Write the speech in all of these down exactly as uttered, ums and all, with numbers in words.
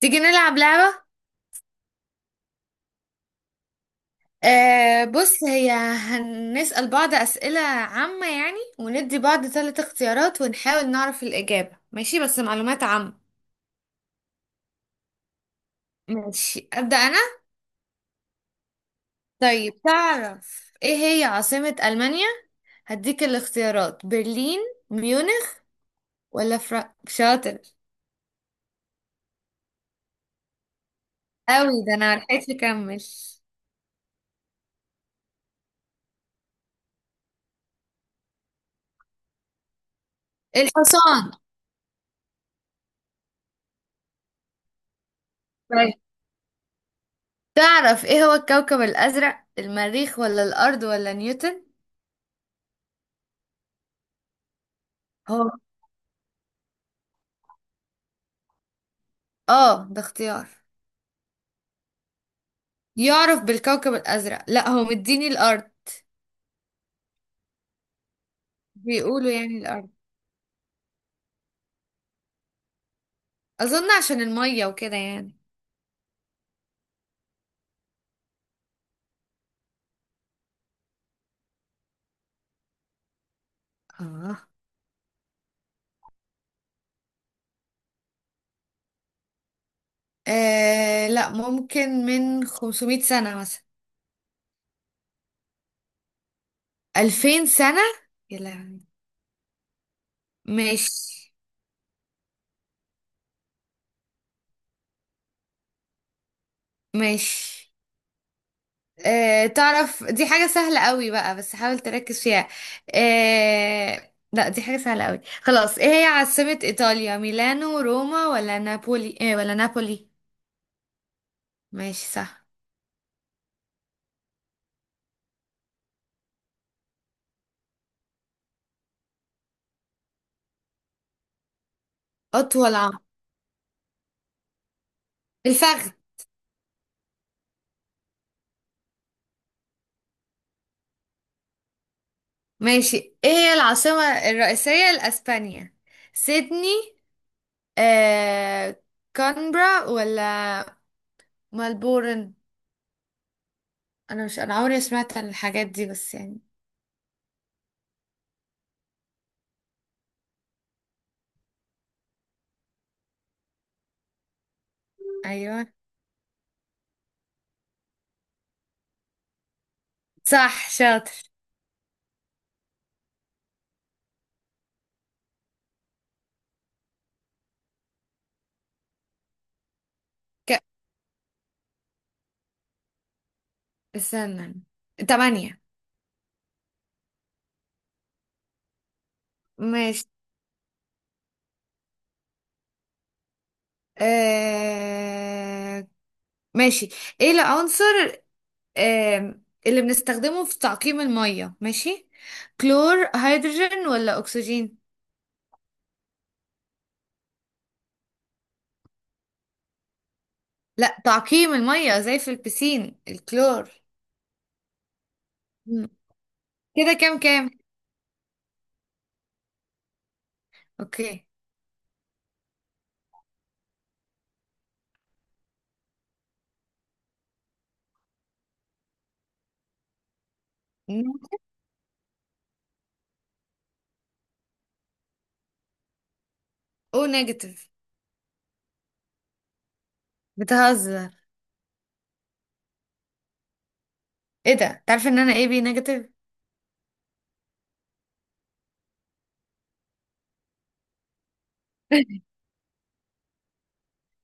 تيجي نلعب لعبة. آه، بص، هي هنسأل بعض أسئلة عامة يعني وندي بعض ثلاث اختيارات ونحاول نعرف الإجابة ماشي؟ بس معلومات عامة. ماشي، أبدأ أنا. طيب، تعرف إيه هي عاصمة ألمانيا؟ هديك الاختيارات: برلين، ميونخ، ولا فرانك شاطر؟ أوي! ده أنا ملحقتش أكمل. الحصان. طيب، تعرف إيه هو الكوكب الأزرق؟ المريخ ولا الأرض ولا نيوتن؟ هو. آه ده اختيار. يعرف بالكوكب الأزرق؟ لا، هو مديني الأرض. بيقولوا يعني الأرض. أظن عشان المية وكده يعني. اه، آه، لا، ممكن من خمسمية سنة مثلا. ألفين سنة. يا لهوي! ماشي. ماشي. آه تعرف، دي حاجة سهلة قوي بقى، بس حاول تركز فيها. آه لا، دي حاجة سهلة قوي. خلاص، ايه هي عاصمة إيطاليا؟ ميلانو، روما، ولا نابولي، ايه، ولا نابولي؟ ماشي، صح. أطول عام. الفخذ. ماشي، ايه هي العاصمة الرئيسية لأسبانيا؟ سيدني، آه... كانبرا، ولا ملبورن؟ انا مش، انا عمري ما سمعت عن الحاجات دي بس يعني. ايوه، صح، شاطر. ك... استنى. تمانية. ماشي. آه... ماشي، ايه العنصر آه... اللي بنستخدمه في تعقيم المية؟ ماشي، كلور، هيدروجين، ولا اكسجين؟ لا، تعقيم المية زي في البسين الكلور. مم. كده كام كام؟ اوكي. او نيجاتيف. بتهزر. ايه ده! تعرف ان انا ايه بي نيجاتيف.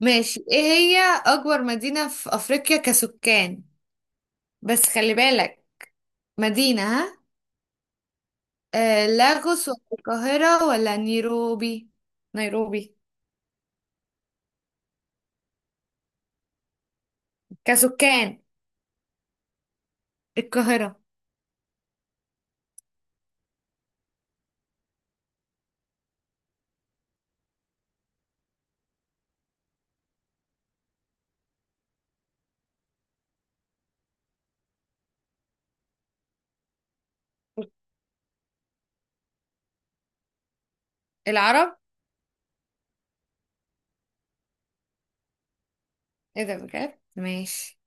ماشي، ايه هي اكبر مدينة في افريقيا كسكان؟ بس خلي بالك، مدينة ها. آه لاغوس، ولا القاهرة، ولا نيروبي؟ نيروبي. كسكان. القاهرة. العرب. ايه ده! بجد. ماشي.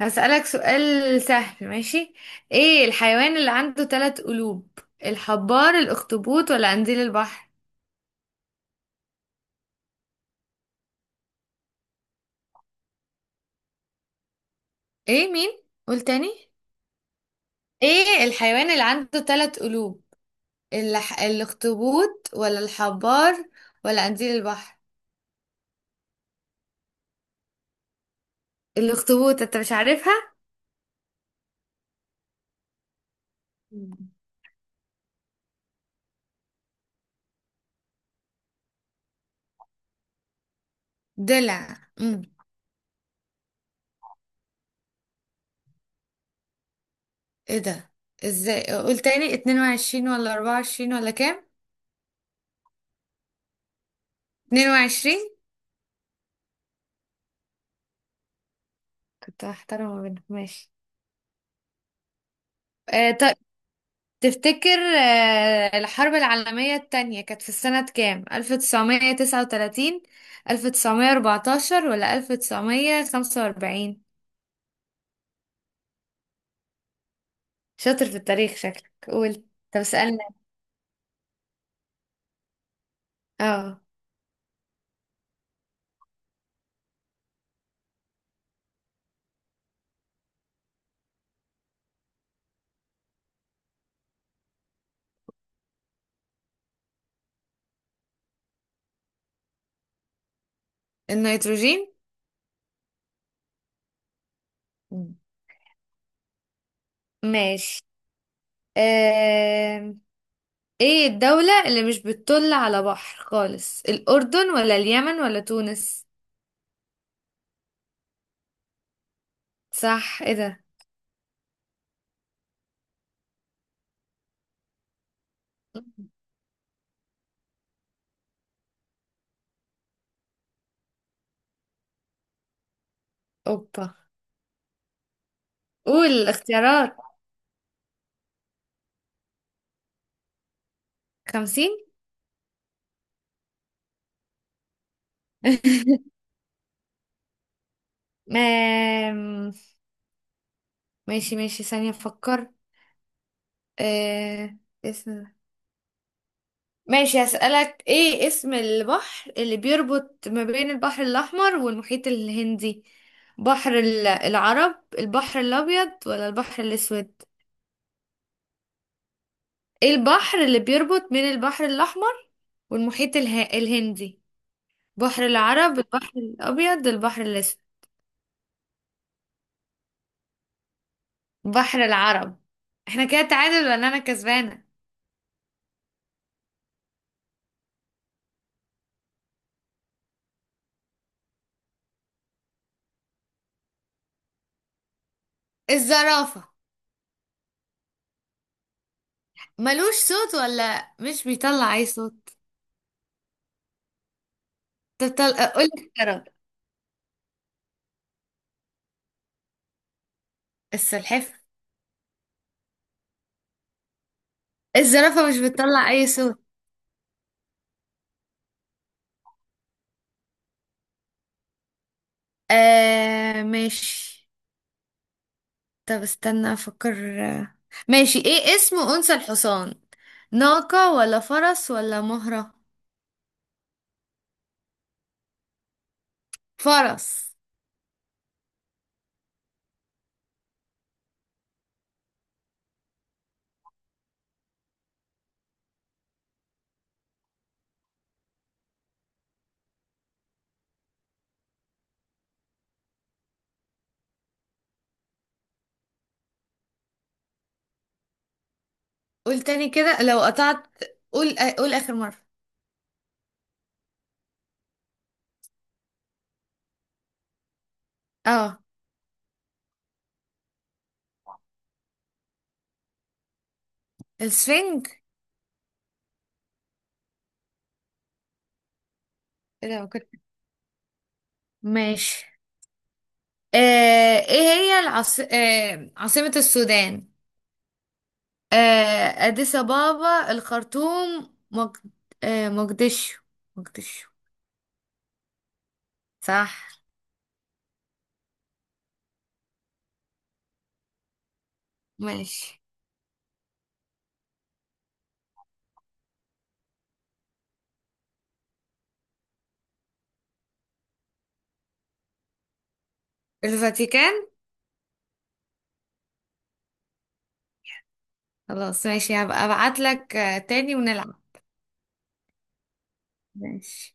هسألك سؤال سهل، ماشي. ايه الحيوان اللي عنده ثلاث قلوب؟ الحبار، الاخطبوط، ولا قنديل البحر؟ ايه؟ مين؟ قول تاني. ايه الحيوان اللي عنده ثلاث قلوب؟ الح... الاخطبوط، ولا الحبار، ولا قنديل البحر؟ الاخطبوط. انت مش عارفها. مم. ضلع. امم ايه ده! ازاي؟ قول تاني. اتنين وعشرين ولا اربعة وعشرين ولا كام؟ اتنين وعشرين. كنت هحترمه منك، ماشي. آه تفتكر، آه، الحرب العالمية التانية كانت في السنة كام؟ ألف وتسعمية وتسعة وتلاتين، ألف وتسعمئة وأربعة عشر، ولا ألف وتسعمية وخمسة واربعين؟ شاطر في التاريخ شكلك. قول. طب اسألنا. اه، النيتروجين. ماشي. آه... ايه الدولة اللي مش بتطل على بحر خالص؟ الأردن، ولا اليمن، ولا تونس؟ صح! ايه ده! اوبا! قول الاختيارات. خمسين. آم، ماشي. ماشي، ثانية أفكر. آه... اسم ماشي، هسألك ايه اسم البحر اللي بيربط ما بين البحر الأحمر والمحيط الهندي؟ بحر ال- العرب، البحر الأبيض، ولا البحر الأسود؟ ايه البحر اللي بيربط بين البحر الأحمر والمحيط اله... الهندي؟ بحر العرب، البحر الأبيض، البحر الأسود؟ بحر العرب. احنا كده تعادل ولا أنا كسبانة؟ الزرافة. ملوش صوت ولا مش بيطلع أي صوت؟ تطل... اقول لك الزرافة. السلحفة. الزرافة مش بتطلع اي صوت. آه ماشي. طب استنى افكر. آه، ماشي، ايه اسم انثى الحصان؟ ناقة، ولا فرس، ولا مهرة؟ فرس. قول تاني. كده لو قطعت. قول، قول اخر مرة. اه، السفنج. إيه ده! ما كنت. ماشي. آه ايه هي العاص... آه عاصمة السودان؟ آه، أديس أبابا، الخرطوم، مج... آه، مقدشو، مقدشو؟ صح. ماشي. الفاتيكان. خلاص، ماشي، هبقى ابعت لك تاني ونلعب. ماشي.